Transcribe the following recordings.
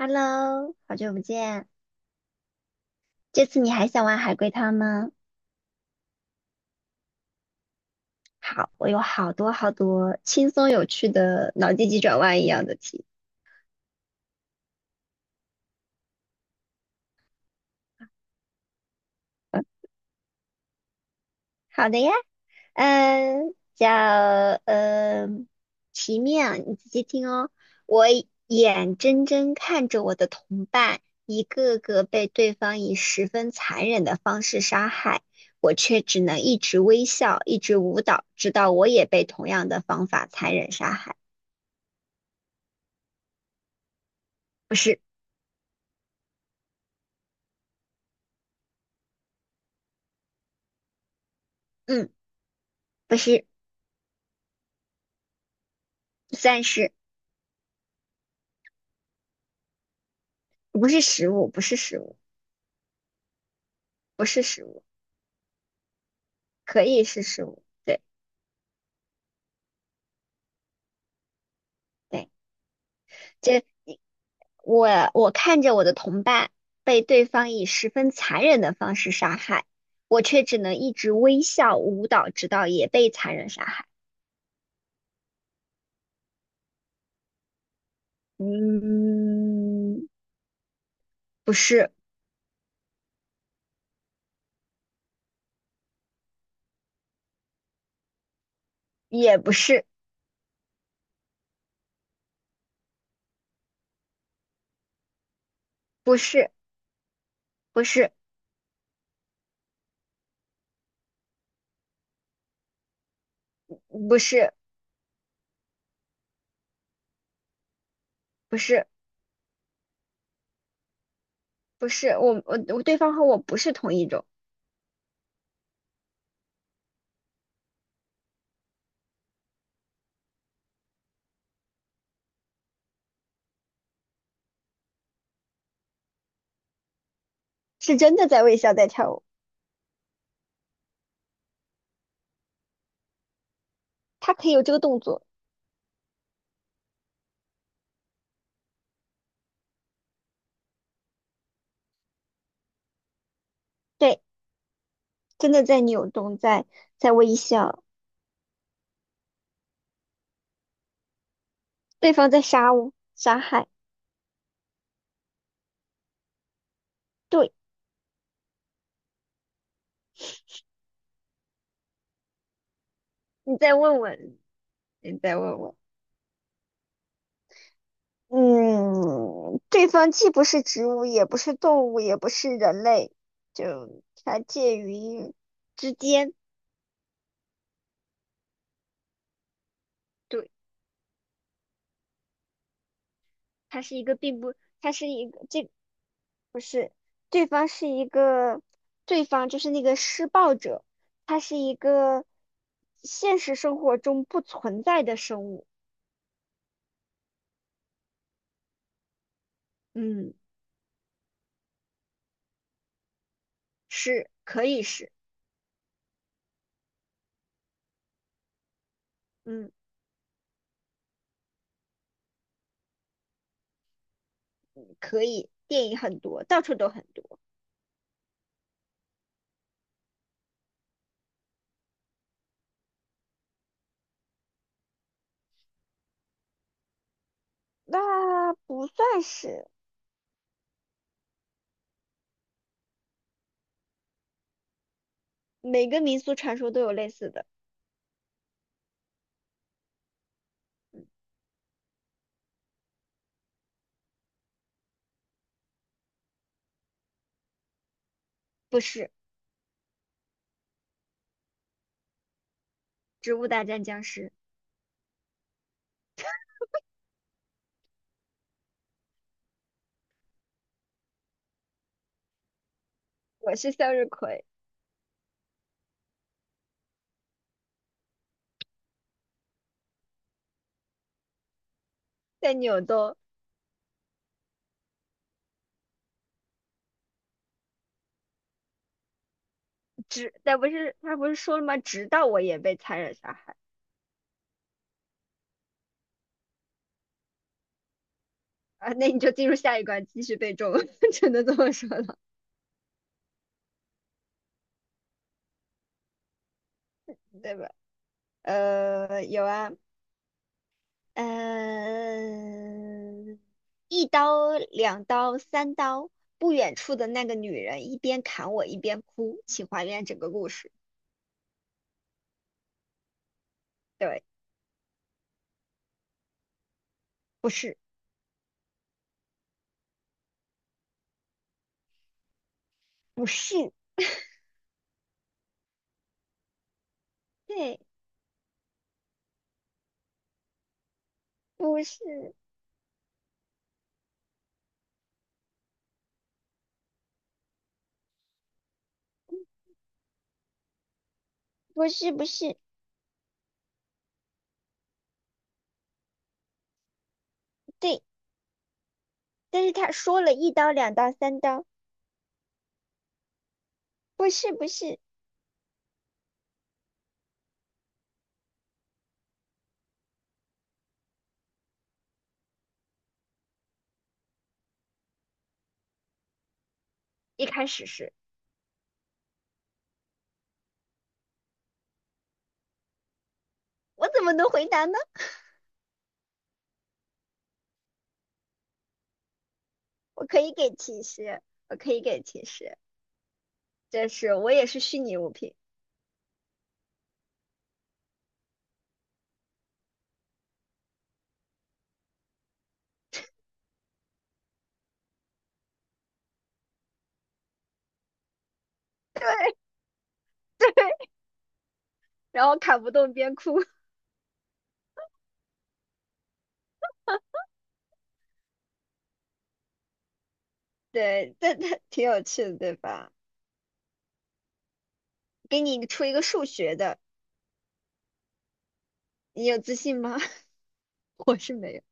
Hello，好久不见。这次你还想玩海龟汤吗？好，我有好多好多轻松有趣的脑筋急转弯一样的题。好的呀，嗯，叫嗯奇面啊，你仔细听哦。我眼睁睁看着我的同伴一个个被对方以十分残忍的方式杀害，我却只能一直微笑，一直舞蹈，直到我也被同样的方法残忍杀害。不是，嗯，不是。算是。不是食物，不是食物，不是食物，可以是食物。对。对，这我我看着我的同伴被对方以十分残忍的方式杀害，我却只能一直微笑舞蹈，直到也被残忍杀害。嗯，不是，也不是，不是，不是，不是，不是，不是，我我我对方和我不是同一种。是真的在微笑在跳舞，他可以有这个动作。对。真的在扭动，在微笑。对方在杀我，杀害。对，你再问问，你再问问。嗯，对方既不是植物，也不是动物，也不是人类，就它介于之间。对，它是一个，并不，它是一个，这不是。对方是一个，对方就是那个施暴者，他是一个现实生活中不存在的生物。嗯，是，可以是。嗯，可以，电影很多，到处都很多。那不算是。每个民俗传说都有类似的。不是。《植物大战僵尸》，我是向日葵，在扭动。但不是他不是说了吗？直到我也被残忍杀害。啊，那你就进入下一关，继续被中，只能这么说了，对吧？有啊。嗯，一刀、两刀、三刀，不远处的那个女人一边砍我一边哭，请还原整个故事。对。不是，不是。对。不是，不是，不是。对，但是他说了一刀、两刀、三刀。不是，不是。一开始是。我怎么能回答呢？我可以给提示，我可以给提示。这是我也是虚拟物品。对。对，然后砍不动边哭。对，但它挺有趣的，对吧？给你出一个数学的，你有自信吗？我是没有。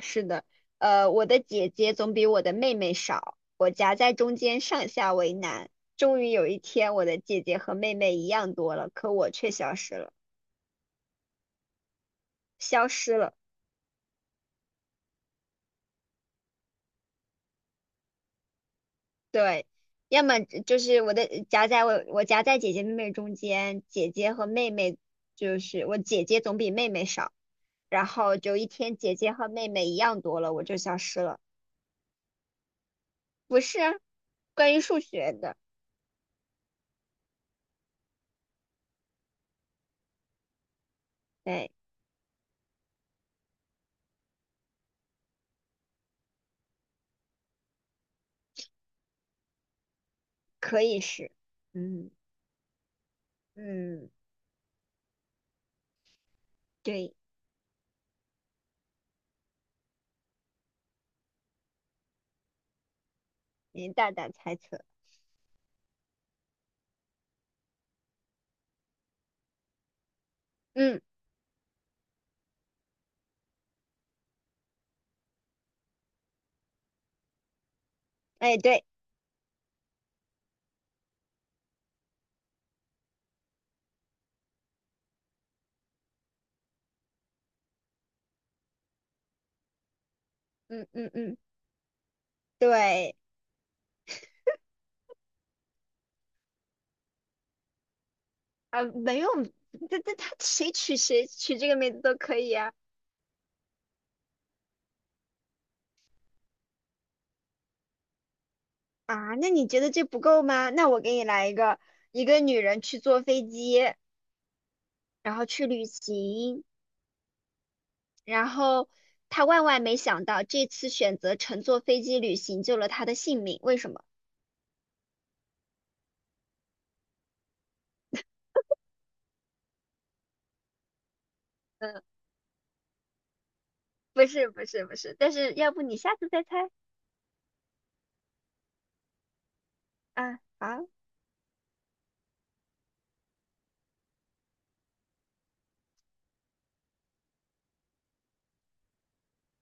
是的，我的姐姐总比我的妹妹少，我夹在中间，上下为难。终于有一天，我的姐姐和妹妹一样多了，可我却消失了，消失了。对，要么就是我夹在姐姐妹妹中间，姐姐和妹妹，就是我姐姐总比妹妹少，然后就一天姐姐和妹妹一样多了，我就消失了。不是啊，关于数学的。哎，可以是。嗯。嗯，对，你大胆猜测。嗯。哎，对。嗯嗯嗯。对。啊，没有，他谁取这个名字都可以啊。啊，那你觉得这不够吗？那我给你来一个，一个女人去坐飞机，然后去旅行，然后她万万没想到这次选择乘坐飞机旅行救了她的性命，为什么？嗯。不是不是不是，但是要不你下次再猜。啊？好，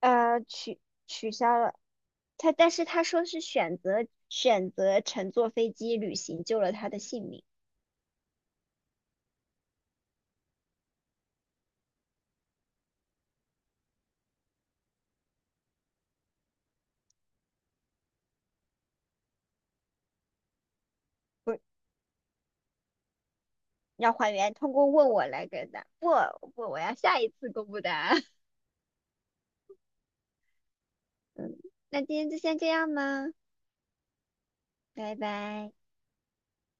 呃，取取消了。他但是他说是选择乘坐飞机旅行救了他的性命。不是要还原，通过问我来给答。不，我要下一次公布答案。嗯，那今天就先这样吧，拜拜。